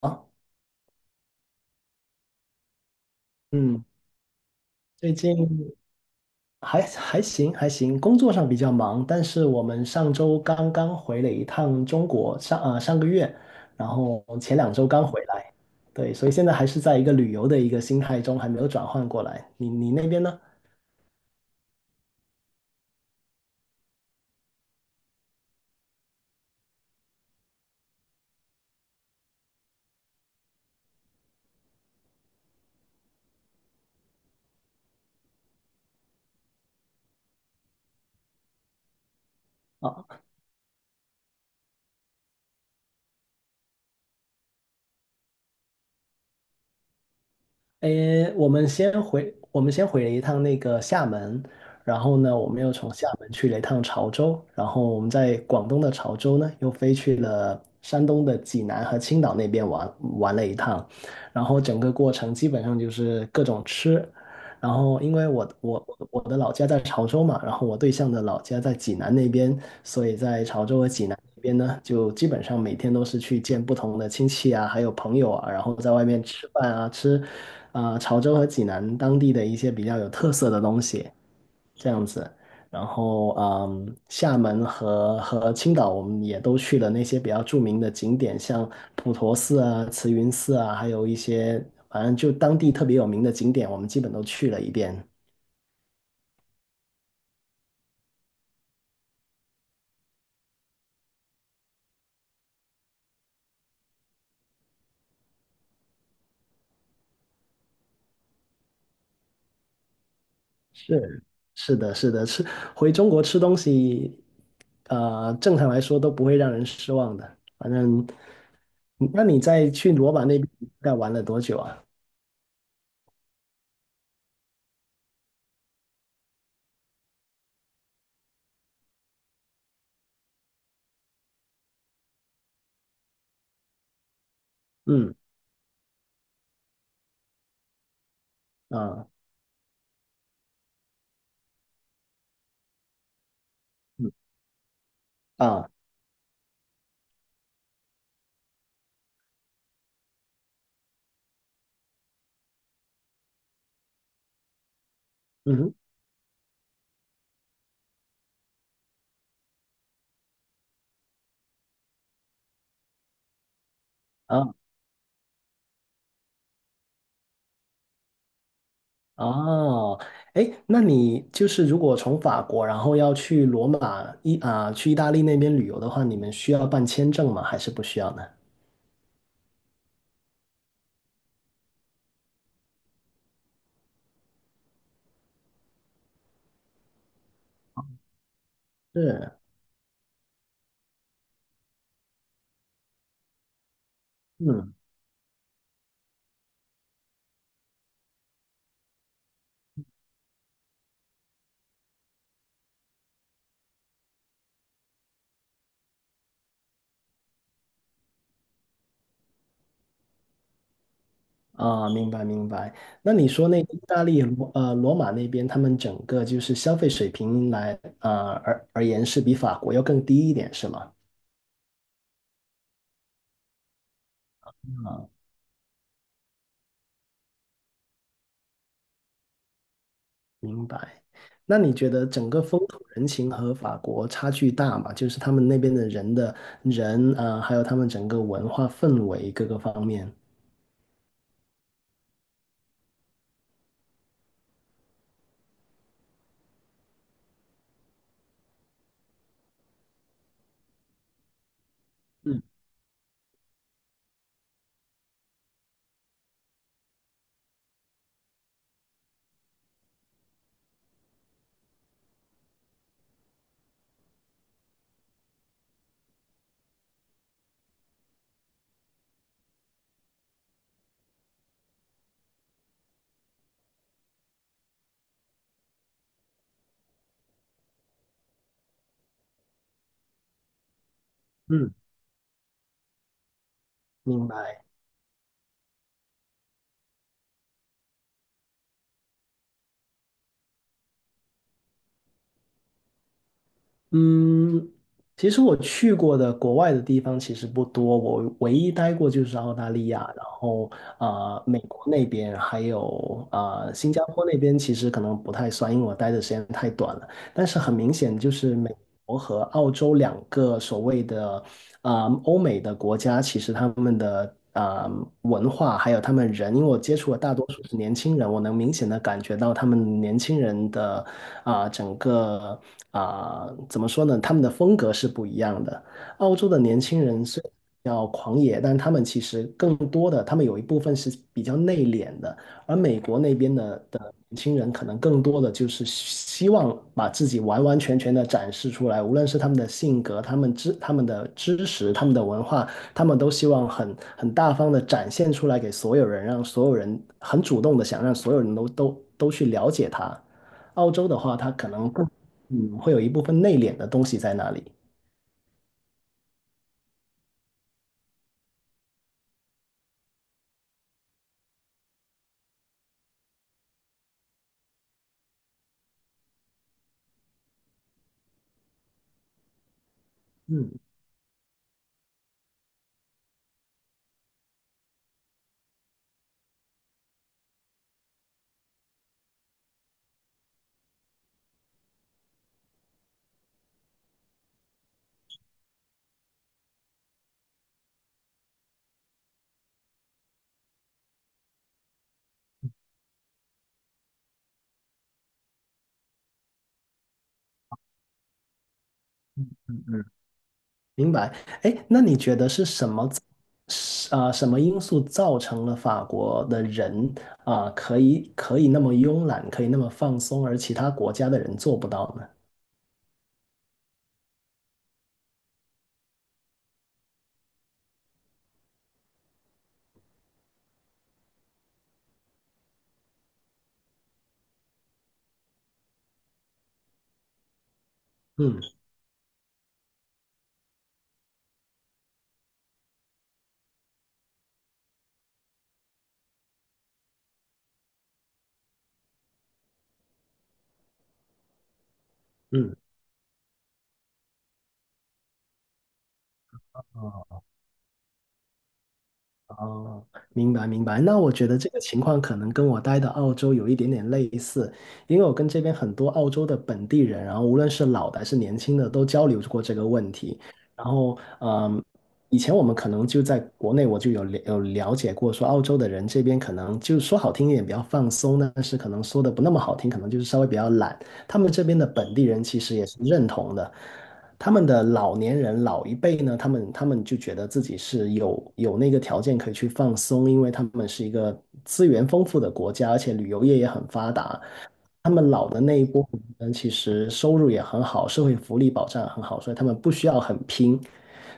啊，嗯，最近还行还行，工作上比较忙，但是我们上周刚刚回了一趟中国，上个月，然后前两周刚回来。对，所以现在还是在一个旅游的一个心态中，还没有转换过来。你那边呢？啊。诶，我们先回了一趟那个厦门，然后呢，我们又从厦门去了一趟潮州，然后我们在广东的潮州呢，又飞去了山东的济南和青岛那边，玩了一趟，然后整个过程基本上就是各种吃。然后因为我的老家在潮州嘛，然后我对象的老家在济南那边，所以在潮州和济南那边呢，就基本上每天都是去见不同的亲戚啊，还有朋友啊，然后在外面吃饭啊，吃啊、潮州和济南当地的一些比较有特色的东西，这样子。然后厦门和青岛我们也都去了那些比较著名的景点，像普陀寺啊、慈云寺啊，还有一些反正就当地特别有名的景点，我们基本都去了一遍。是，是的，是的，吃回中国吃东西，正常来说都不会让人失望的。反正，那你在去罗马那边大概玩了多久啊？嗯啊，嗯啊，嗯哼，啊，哦。哎，那你就是如果从法国，然后要去罗马意啊、去意大利那边旅游的话，你们需要办签证吗？还是不需要呢？是，嗯，啊，明白明白。那你说那个意大利罗马那边，他们整个就是消费水平来啊而而言是比法国要更低一点，是吗？明白。那你觉得整个风土人情和法国差距大吗？就是他们那边的人的人啊、还有他们整个文化氛围各个方面。嗯嗯，明白。嗯，其实我去过的国外的地方其实不多，我唯一待过就是澳大利亚，然后啊、美国那边还有啊、新加坡那边，其实可能不太算，因为我待的时间太短了。但是很明显，就是美国和澳洲两个所谓的啊、欧美的国家其实他们的啊、文化还有他们人，因为我接触的大多数是年轻人，我能明显的感觉到他们年轻人的啊、整个啊、怎么说呢，他们的风格是不一样的。澳洲的年轻人虽然比较狂野，但他们其实更多的，他们有一部分是比较内敛的。而美国那边的年轻人，可能更多的就是希望把自己完完全全的展示出来，无论是他们的性格、他们的知识、他们的文化，他们都希望很大方的展现出来给所有人，让所有人很主动的想让所有人都去了解他。澳洲的话，他可能更会有一部分内敛的东西在那里。嗯嗯，明白。哎，那你觉得是什么造是啊、什么因素造成了法国的人啊、可以那么慵懒，可以那么放松，而其他国家的人做不到呢？嗯嗯。啊。哦，明白明白。那我觉得这个情况可能跟我待的澳洲有一点点类似，因为我跟这边很多澳洲的本地人，然后无论是老的还是年轻的，都交流过这个问题。然后，嗯，以前我们可能就在国内，我就有了解过，说澳洲的人这边可能就说好听一点比较放松，但是可能说的不那么好听，可能就是稍微比较懒。他们这边的本地人其实也是认同的。他们的老年人老一辈呢，他们就觉得自己是有那个条件可以去放松，因为他们是一个资源丰富的国家，而且旅游业也很发达。他们老的那一波人其实收入也很好，社会福利保障很好，所以他们不需要很拼。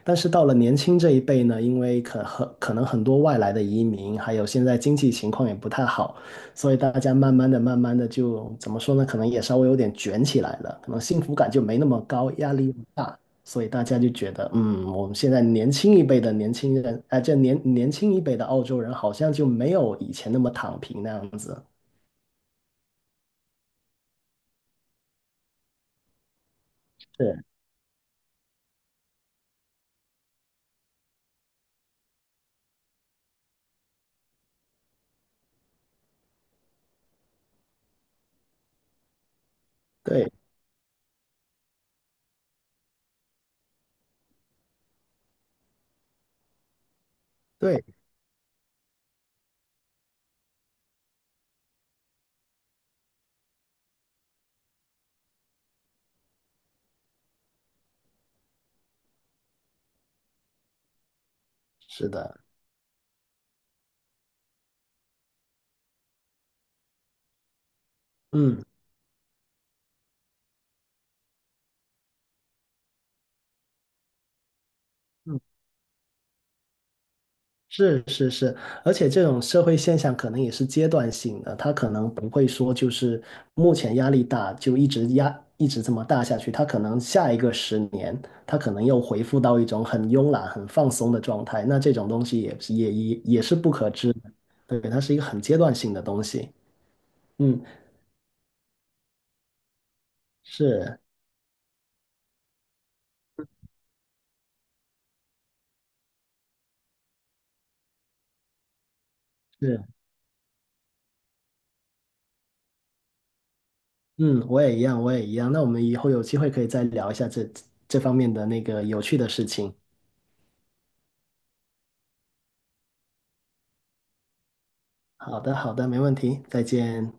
但是到了年轻这一辈呢，因为可能很多外来的移民，还有现在经济情况也不太好，所以大家慢慢的、慢慢的就怎么说呢？可能也稍微有点卷起来了，可能幸福感就没那么高，压力又大，所以大家就觉得，嗯，我们现在年轻一辈的年轻人，哎、年轻一辈的澳洲人好像就没有以前那么躺平那样子。是，对对，是的，嗯，嗯。是是是，而且这种社会现象可能也是阶段性的，它可能不会说就是目前压力大就一直这么大下去，它可能下一个十年，它可能又恢复到一种很慵懒、很放松的状态，那这种东西也是不可知的。对，它是一个很阶段性的东西。嗯，是是，嗯，我也一样，我也一样。那我们以后有机会可以再聊一下这方面的那个有趣的事情。好的，好的，没问题，再见。